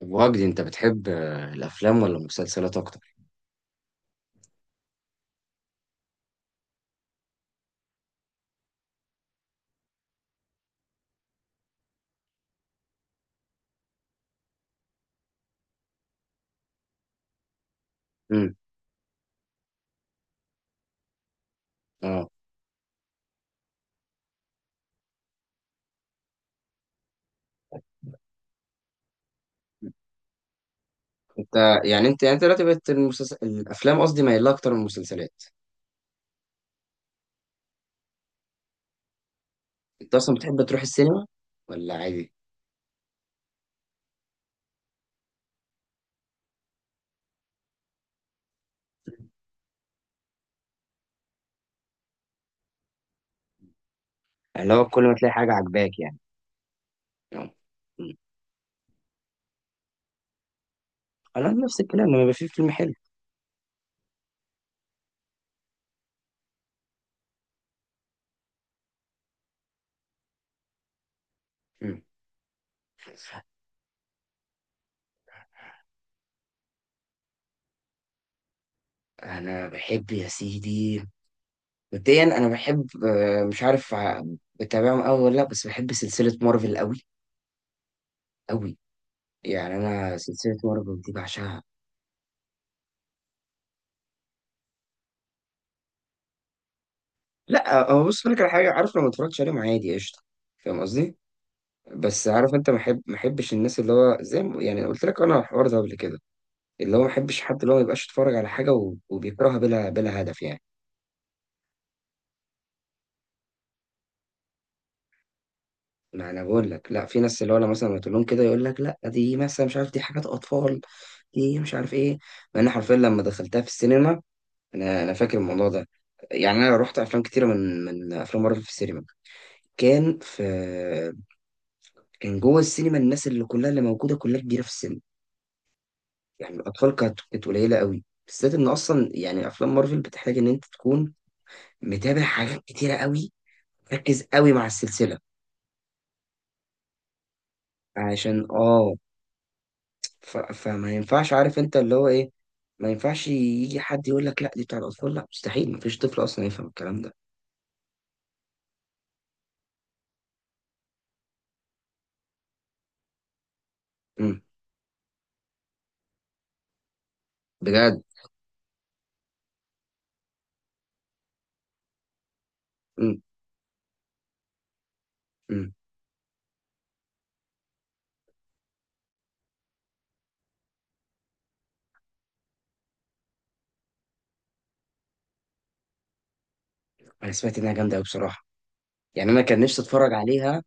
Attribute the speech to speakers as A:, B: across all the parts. A: وجدي انت بتحب الافلام ولا المسلسلات اكتر؟ امم. اه. انت انت دلوقتي بقت المسلسل الافلام قصدي مايلة اكتر من المسلسلات؟ انت اصلا بتحب تروح السينما ولا عادي؟ اللي هو كل ما تلاقي حاجه عجباك يعني. اه. مم. انا نفس الكلام لما يبقى في فيلم حلو. مم. انا بحب يا سيدي، مبدئيا انا بحب، مش عارف بتابعهم قوي ولا لا، بس بحب سلسله مارفل قوي قوي. يعني انا سلسله مارفل دي بعشقها. لا هو بص لك على حاجه، عارف، لو ما اتفرجتش عليهم عادي قشطه، فاهم قصدي؟ بس عارف انت، ما احب ما احبش الناس اللي هو زي ما يعني قلت لك انا على الحوار ده قبل كده، اللي هو ما احبش حد اللي هو ما يبقاش يتفرج على حاجه وبيكرهها بلا بلا هدف يعني. ما انا بقول لك، لا في ناس اللي هو انا مثلا لما تقول لهم كده يقول لك لا، دي مثلا مش عارف، دي حاجات اطفال، دي مش عارف ايه. مع ان حرفيا لما دخلتها في السينما، انا فاكر الموضوع ده، يعني انا رحت افلام كتيره من من افلام مارفل في السينما. كان في، كان جوه السينما الناس اللي كلها اللي موجوده كلها كبيره في السن، يعني الأطفال كانت قليلة قوي، بالذات إن أصلا يعني أفلام مارفل بتحتاج إن أنت تكون متابع حاجات كتيرة قوي، مركز قوي مع السلسلة عشان آه. فما ينفعش، عارف أنت اللي هو إيه، ما ينفعش يجي حد يقول لك لا دي بتاع الأطفال. لا، مستحيل، مفيش طفل أصلا يفهم الكلام ده. امم. بجد. امم. امم. أنا سمعت إنها جامدة قوي بصراحة، يعني أنا كان نفسي أتفرج عليها.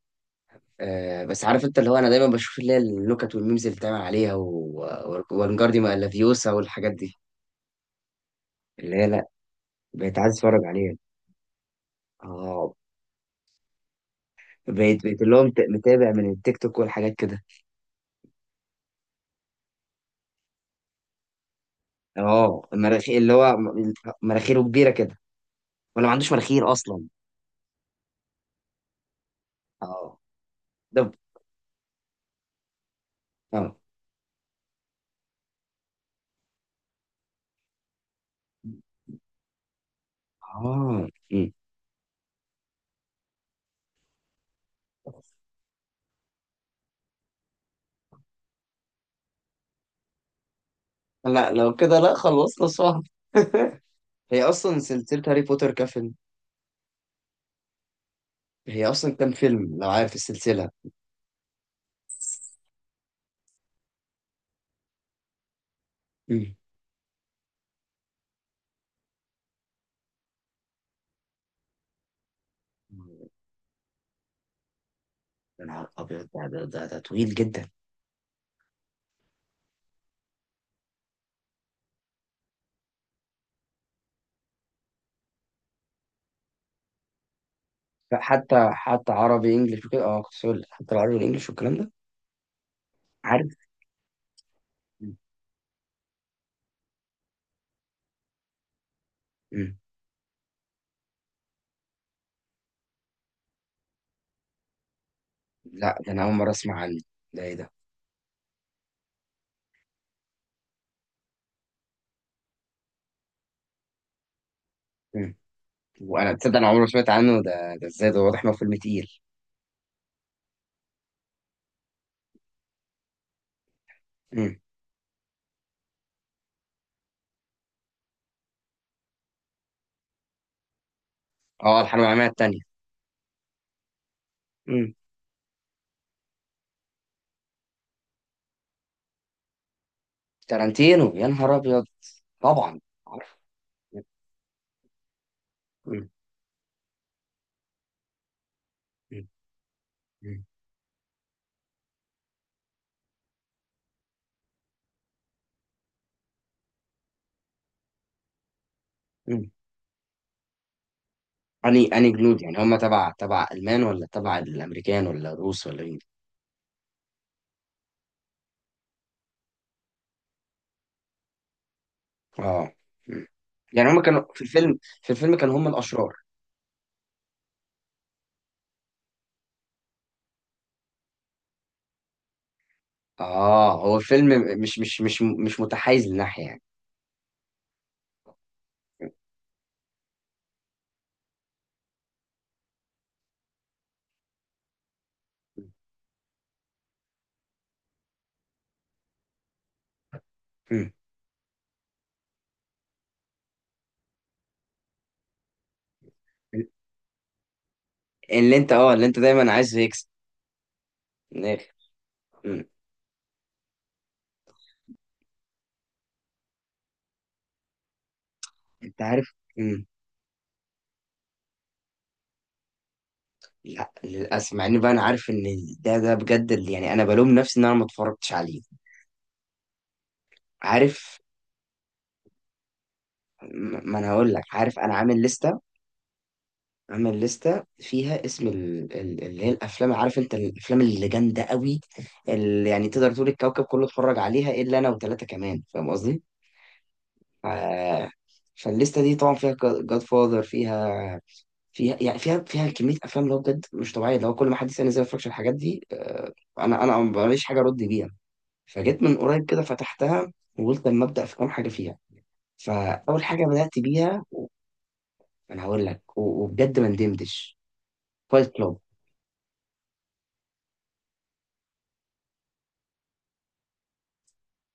A: آه بس عارف انت، اللي هو انا دايما بشوف اللي هي النكت والميمز اللي بتعمل عليها وانجارديوم الافيوسا والحاجات دي، اللي هي بقيت عايز اتفرج عليها. اه، بقيت بقيت اللي هو متابع من التيك توك والحاجات كده. اه المراخير اللي هو مناخيره كبيره كده، ولا ما عندوش مناخير اصلا؟ اه. ده. اه. اه م. لا لو كده لا، خلصنا صح. هي اصلا سلسله هاري بوتر كفن، هي اصلا كام فيلم لو عارف السلسله؟ مم. يا نهار ابيض، ده طويل جدا. حتى حتى عربي انجلش وكده، اه كنت هقول لك، حتى العربي والانجلش والكلام ده. عارف. مم. لا ده انا اول مره اسمع عنه، ده ايه ده؟ مم. وانا تصدق انا عمري ما سمعت عنه، ده ازاي ده؟ واضح انه فيلم تقيل. مم. اه الحرب العالميه الثانيه. تارانتينو، يا نهار ابيض، طبعا عارف. مم. مم. مم. مم. اني جنود يعني هم تبع تبع المان ولا تبع الامريكان ولا الروس ولا مين؟ اه. مم. يعني هم كانوا في الفيلم، في الفيلم كانوا هم الاشرار؟ اه هو الفيلم مش متحيز لناحيه يعني. مم. اللي انت، اه، اللي انت دايما عايز يكسب. مم. انت عارف. مم. لا للاسف، مع ان بقى انا عارف ان ده بجد اللي يعني انا بلوم نفسي ان انا ما اتفرجتش عليه. عارف. ما انا هقول لك، عارف، انا عامل لستة، عامل لستة فيها اسم اللي هي الافلام، عارف انت، الافلام اللي جامده قوي، اللي يعني تقدر تقول الكوكب كله اتفرج عليها الا انا وثلاثه كمان، فاهم قصدي؟ ف- فالليسته دي طبعا فيها جاد فاذر، فيها، فيها يعني فيها كميه افلام اللي هو بجد مش طبيعيه. لو كل ما حد يسالني ازاي ما بتفرجش على الحاجات دي، آه، انا ماليش حاجه ارد بيها. فجيت من قريب كده فتحتها وقلت اما ابدا في كام حاجه فيها، فاول حاجه بدات بيها، انا هقول لك وبجد ما ندمتش، فايت كلوب.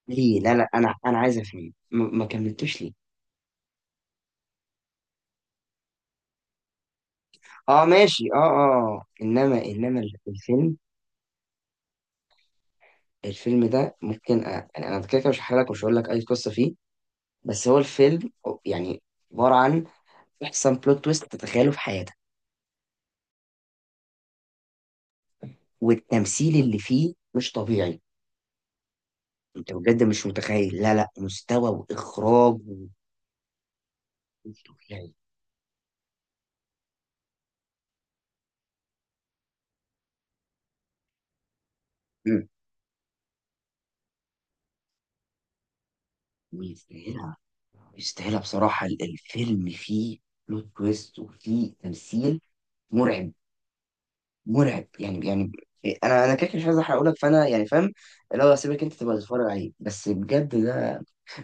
A: ليه؟ لا لا انا عايز افهم، ما كملتوش ليه؟ اه ماشي، اه اه آه. انما الفيلم، الفيلم ده ممكن يعني انا كده كده مش هحكي لك ومش هقول لك اي قصه فيه، بس هو الفيلم يعني عباره عن احسن بلوت تويست تتخيله في حياتك، والتمثيل اللي فيه مش طبيعي. انت بجد مش متخيل، لا لا، مستوى واخراج مش طبيعي. مم. ويستاهلها، يستاهلها بصراحه. الفيلم فيه بلوت تويست وفيه تمثيل مرعب، مرعب يعني يعني إيه، انا كده كده مش عايز احرق لك، فانا يعني فاهم لو هسيبك انت تبقى تتفرج عليه، بس بجد ده.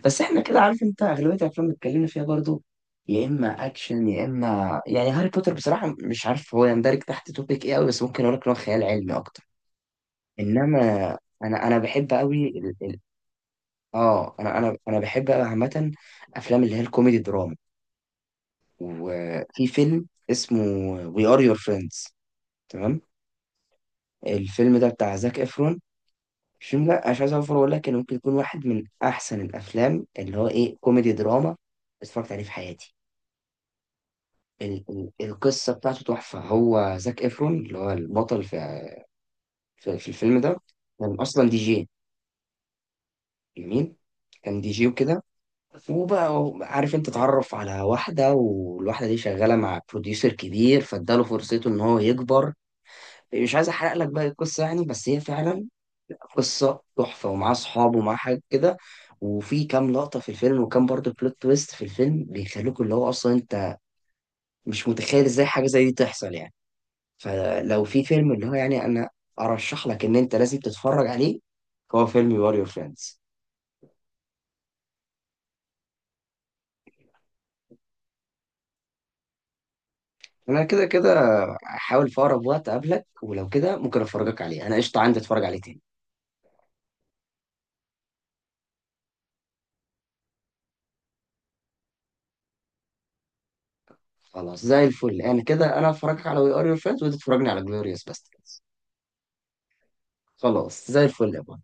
A: بس احنا كده عارف انت اغلبيه الافلام اللي اتكلمنا فيها برضو يا اما اكشن يا اما يعني هاري بوتر، بصراحه مش عارف هو يندرج تحت توبيك ايه قوي، بس ممكن اقول لك ان هو خيال علمي اكتر. انما انا بحب قوي اه انا بحب قوي عامه افلام اللي هي الكوميدي دراما. وفي فيلم اسمه وي ار يور فريندز، تمام؟ الفيلم ده بتاع زاك افرون. الفيلم ده أنا مش عايز اوفر، اقول لك انه ممكن يكون واحد من احسن الافلام اللي هو ايه كوميدي دراما اتفرجت عليه في حياتي. ال القصة بتاعته تحفة، هو زاك إفرون اللي هو البطل في في الفيلم ده كان أصلا دي جي. جميل. كان دي جي وكده، وبقى عارف أنت، اتعرف على واحدة، والواحدة دي شغالة مع بروديوسر كبير، فاداله فرصته إن هو يكبر. مش عايز أحرق لك باقي القصة يعني، بس هي فعلا قصة تحفة، ومعاه صحاب ومعاه حاجة كده، وفي كام لقطة في الفيلم وكام برضه بلوت تويست في الفيلم بيخلوك اللي هو أصلا أنت مش متخيل إزاي حاجة زي دي تحصل يعني. فلو في فيلم اللي هو يعني انا ارشح لك ان انت لازم تتفرج عليه، هو فيلم يور يور فريندز. انا كده كده هحاول في اقرب وقت اقابلك ولو كده ممكن افرجك عليه، انا قشطه عندي اتفرج عليه تاني. خلاص زي الفل، انا كده انا افرجك على وي ار يور فريندز وانت تتفرجني على جلوريوس باستردز. خلاص زي الفل يا بابا.